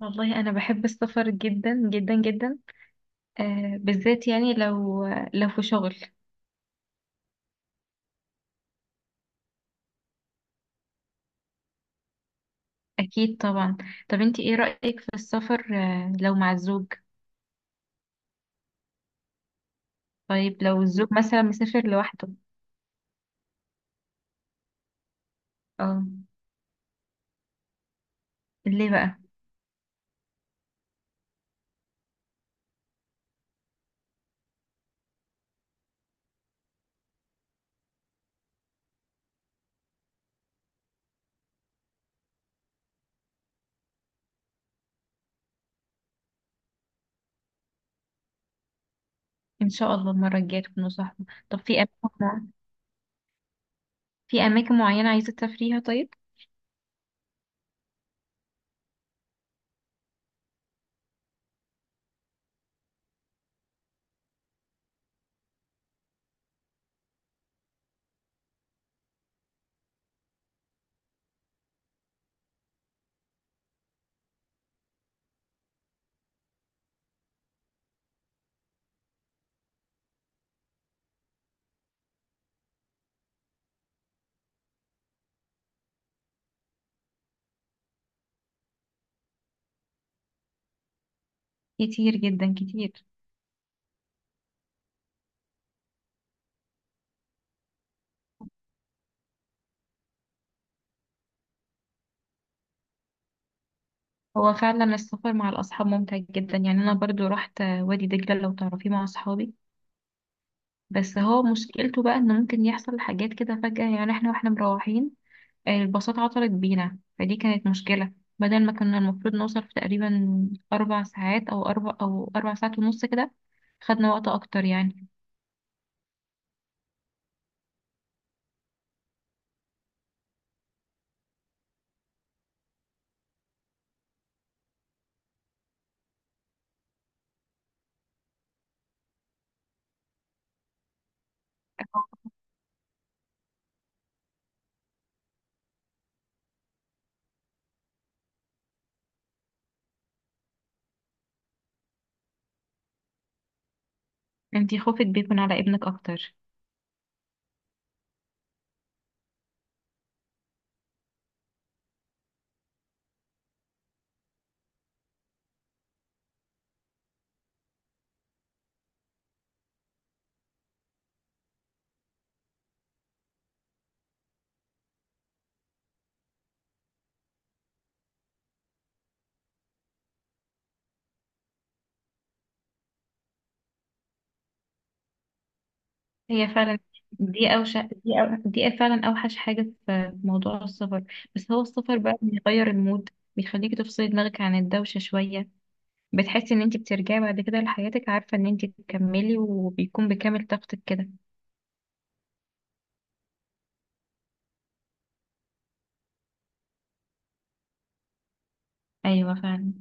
والله انا بحب السفر جدا جدا جدا. آه، بالذات يعني لو في شغل. اكيد طبعا. طب انت ايه رأيك في السفر؟ آه، لو مع الزوج. طيب لو الزوج مثلا مسافر لوحده. اه. ليه بقى؟ ان شاء الله المرة الجاية تكونوا صاحبه. طب في اماكن، مع- في اماكن معينة عايزة تسافريها؟ طيب. كتير جدا كتير. هو فعلا السفر مع الاصحاب ممتع جدا، يعني انا برضو رحت وادي دجلة لو تعرفيه مع اصحابي. بس هو مشكلته بقى انه ممكن يحصل حاجات كده فجأة، يعني احنا واحنا مروحين الباصات عطلت بينا، فدي كانت مشكلة. بدل ما كنا المفروض نوصل في تقريبا 4 ساعات أو 4 ساعات ونص كده، خدنا وقت أكتر يعني. انتي خوفك بيكون على ابنك أكتر؟ هي فعلا. دي أوشك دي, أو... دي فعلا أوحش حاجة في موضوع السفر. بس هو السفر بقى بيغير المود، بيخليكي تفصلي دماغك عن الدوشة شوية. بتحسي ان انت بترجعي بعد كده لحياتك عارفة ان انت تكملي وبيكون بكامل طاقتك كده. ايوه فعلا.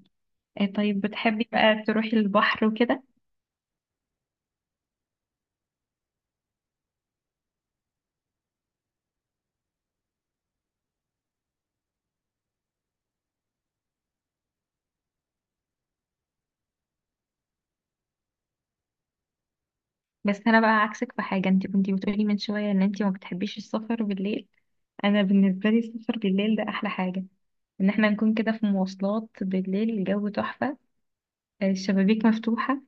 إيه، طيب بتحبي بقى تروحي البحر وكده؟ بس انا بقى عكسك في حاجة. انت كنتي بتقولي من شوية ان انت ما بتحبيش السفر بالليل. انا بالنسبة لي السفر بالليل ده احلى حاجة. ان احنا نكون كده في مواصلات بالليل، الجو تحفة، آه الشبابيك مفتوحة.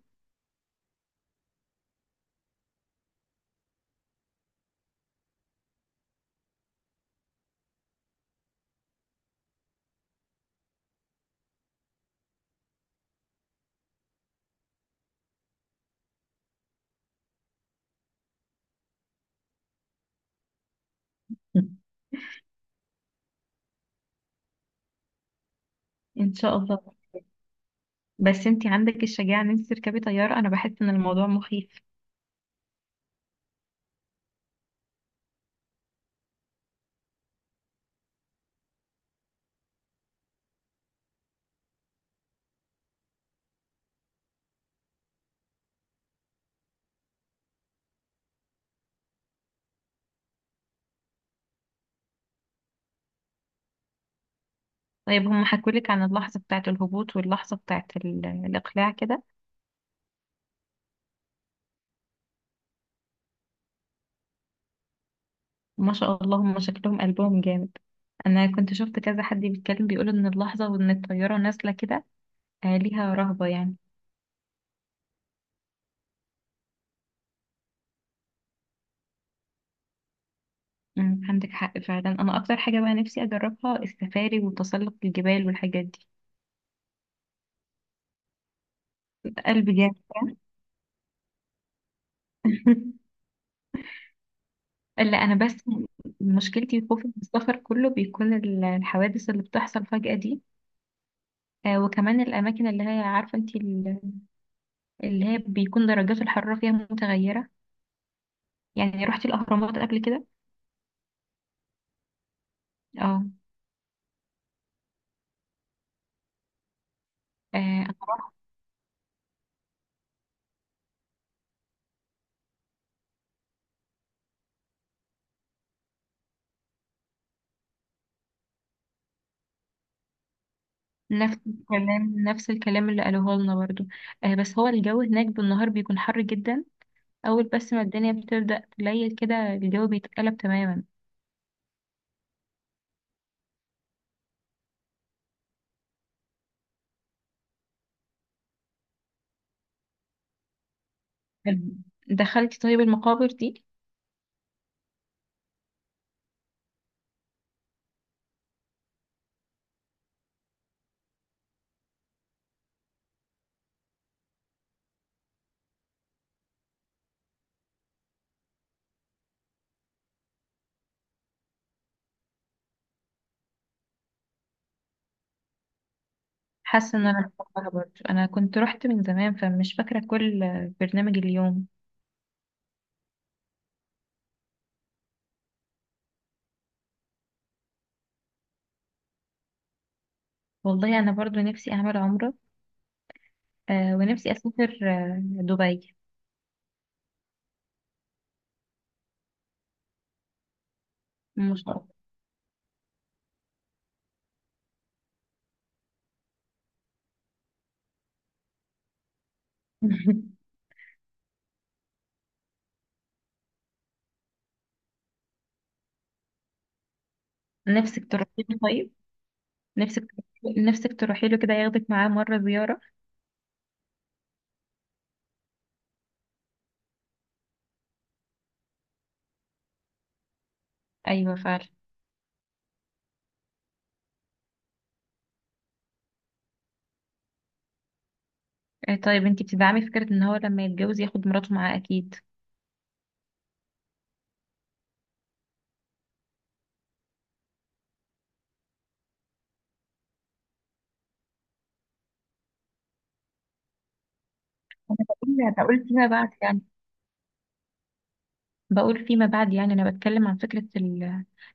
ان شاء الله. بس انت عندك الشجاعة ان انت تركبي طيارة. انا بحس ان الموضوع مخيف. طيب هم حكولك عن اللحظة بتاعة الهبوط واللحظة بتاعة الإقلاع كده؟ ما شاء الله هم شكلهم قلبهم جامد. أنا كنت شفت كذا حد بيتكلم بيقول إن اللحظة وإن الطيارة نازلة كده، ليها رهبة يعني. عندك حق فعلا. أنا أكتر حاجة بقى نفسي أجربها السفاري وتسلق الجبال والحاجات دي. قلبي جامد. لا أنا بس مشكلتي خوفي من السفر كله بيكون الحوادث اللي بتحصل فجأة دي. وكمان الأماكن اللي هي عارفة أنت، اللي هي بيكون درجات الحرارة فيها متغيرة. يعني رحتي الأهرامات قبل كده؟ اه. آه، أنا رحت. نفس الكلام نفس الكلام اللي قالوه لنا برضو. آه بس هو الجو هناك بالنهار بيكون حر جدا. أول بس ما الدنيا بتبدأ تليل كده الجو بيتقلب تماما. دخلتي طيب المقابر دي؟ حاسة إن أنا بحبها برضو، أنا كنت رحت من زمان فمش فاكرة كل برنامج اليوم. والله أنا برضو نفسي أعمل عمرة. آه، ونفسي أسافر دبي. ما شاء الله. نفسك تروحي طيب؟ نفسك نفسك تروحي له كده ياخدك معاه مرة زيارة. ايوه فعلا. آه، طيب انتي بتدعمي فكرة ان هو لما يتجوز ياخد مراته معاه؟ اكيد. انا بقول يعني، بقول فيما بعد يعني. بقول فيما بعد يعني انا بتكلم عن فكرة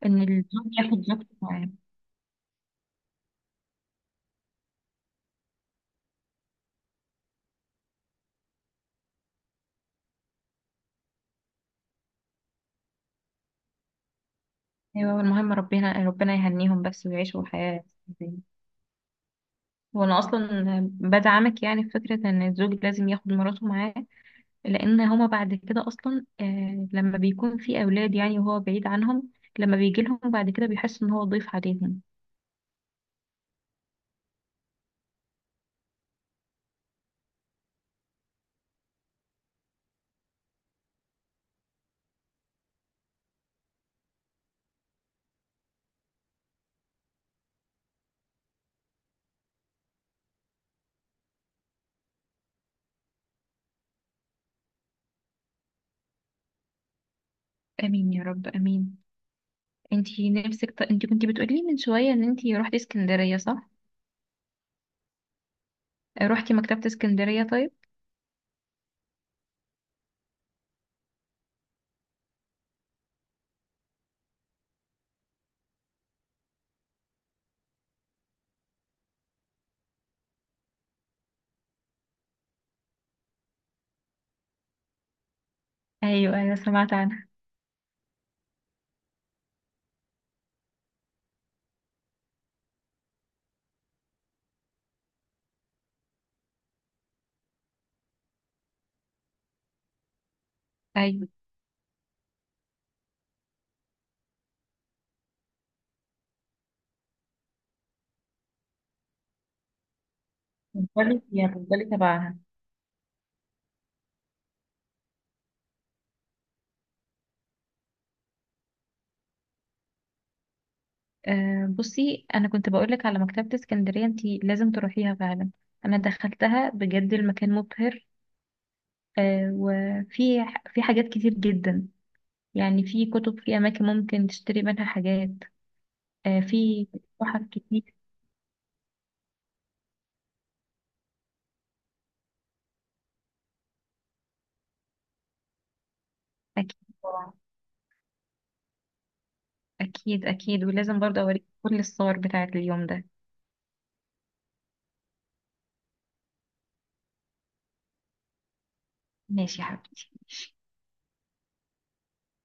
ان الزوج ياخد زوجته معاه. ايوه المهم ربنا، ربنا يهنيهم بس ويعيشوا حياة زي- وانا اصلا بدعمك يعني في فكرة ان الزوج لازم ياخد مراته معاه. لان هما بعد كده اصلا لما بيكون في اولاد يعني وهو بعيد عنهم، لما بيجي لهم بعد كده بيحس ان هو ضيف عليهم. امين يا رب امين. انتي نفسك. انتي كنتي بتقولي لي من شويه ان انتي رحتي اسكندريه صح؟ روحتي مكتبه اسكندريه طيب؟ ايوه ايوه سمعت عنها. ايوه هتفضلي فيها هتفضلي تبعها. أه بصي، انا كنت بقولك على مكتبه اسكندريه انتي لازم تروحيها فعلا. انا دخلتها بجد المكان مبهر. أه في حاجات كتير جدا. يعني في كتب في اماكن ممكن تشتري منها حاجات. أه في تحف كتير. اكيد. أكيد أكيد ولازم برضه أوريك كل الصور بتاعت اليوم ده. ماشي يا حبيبي.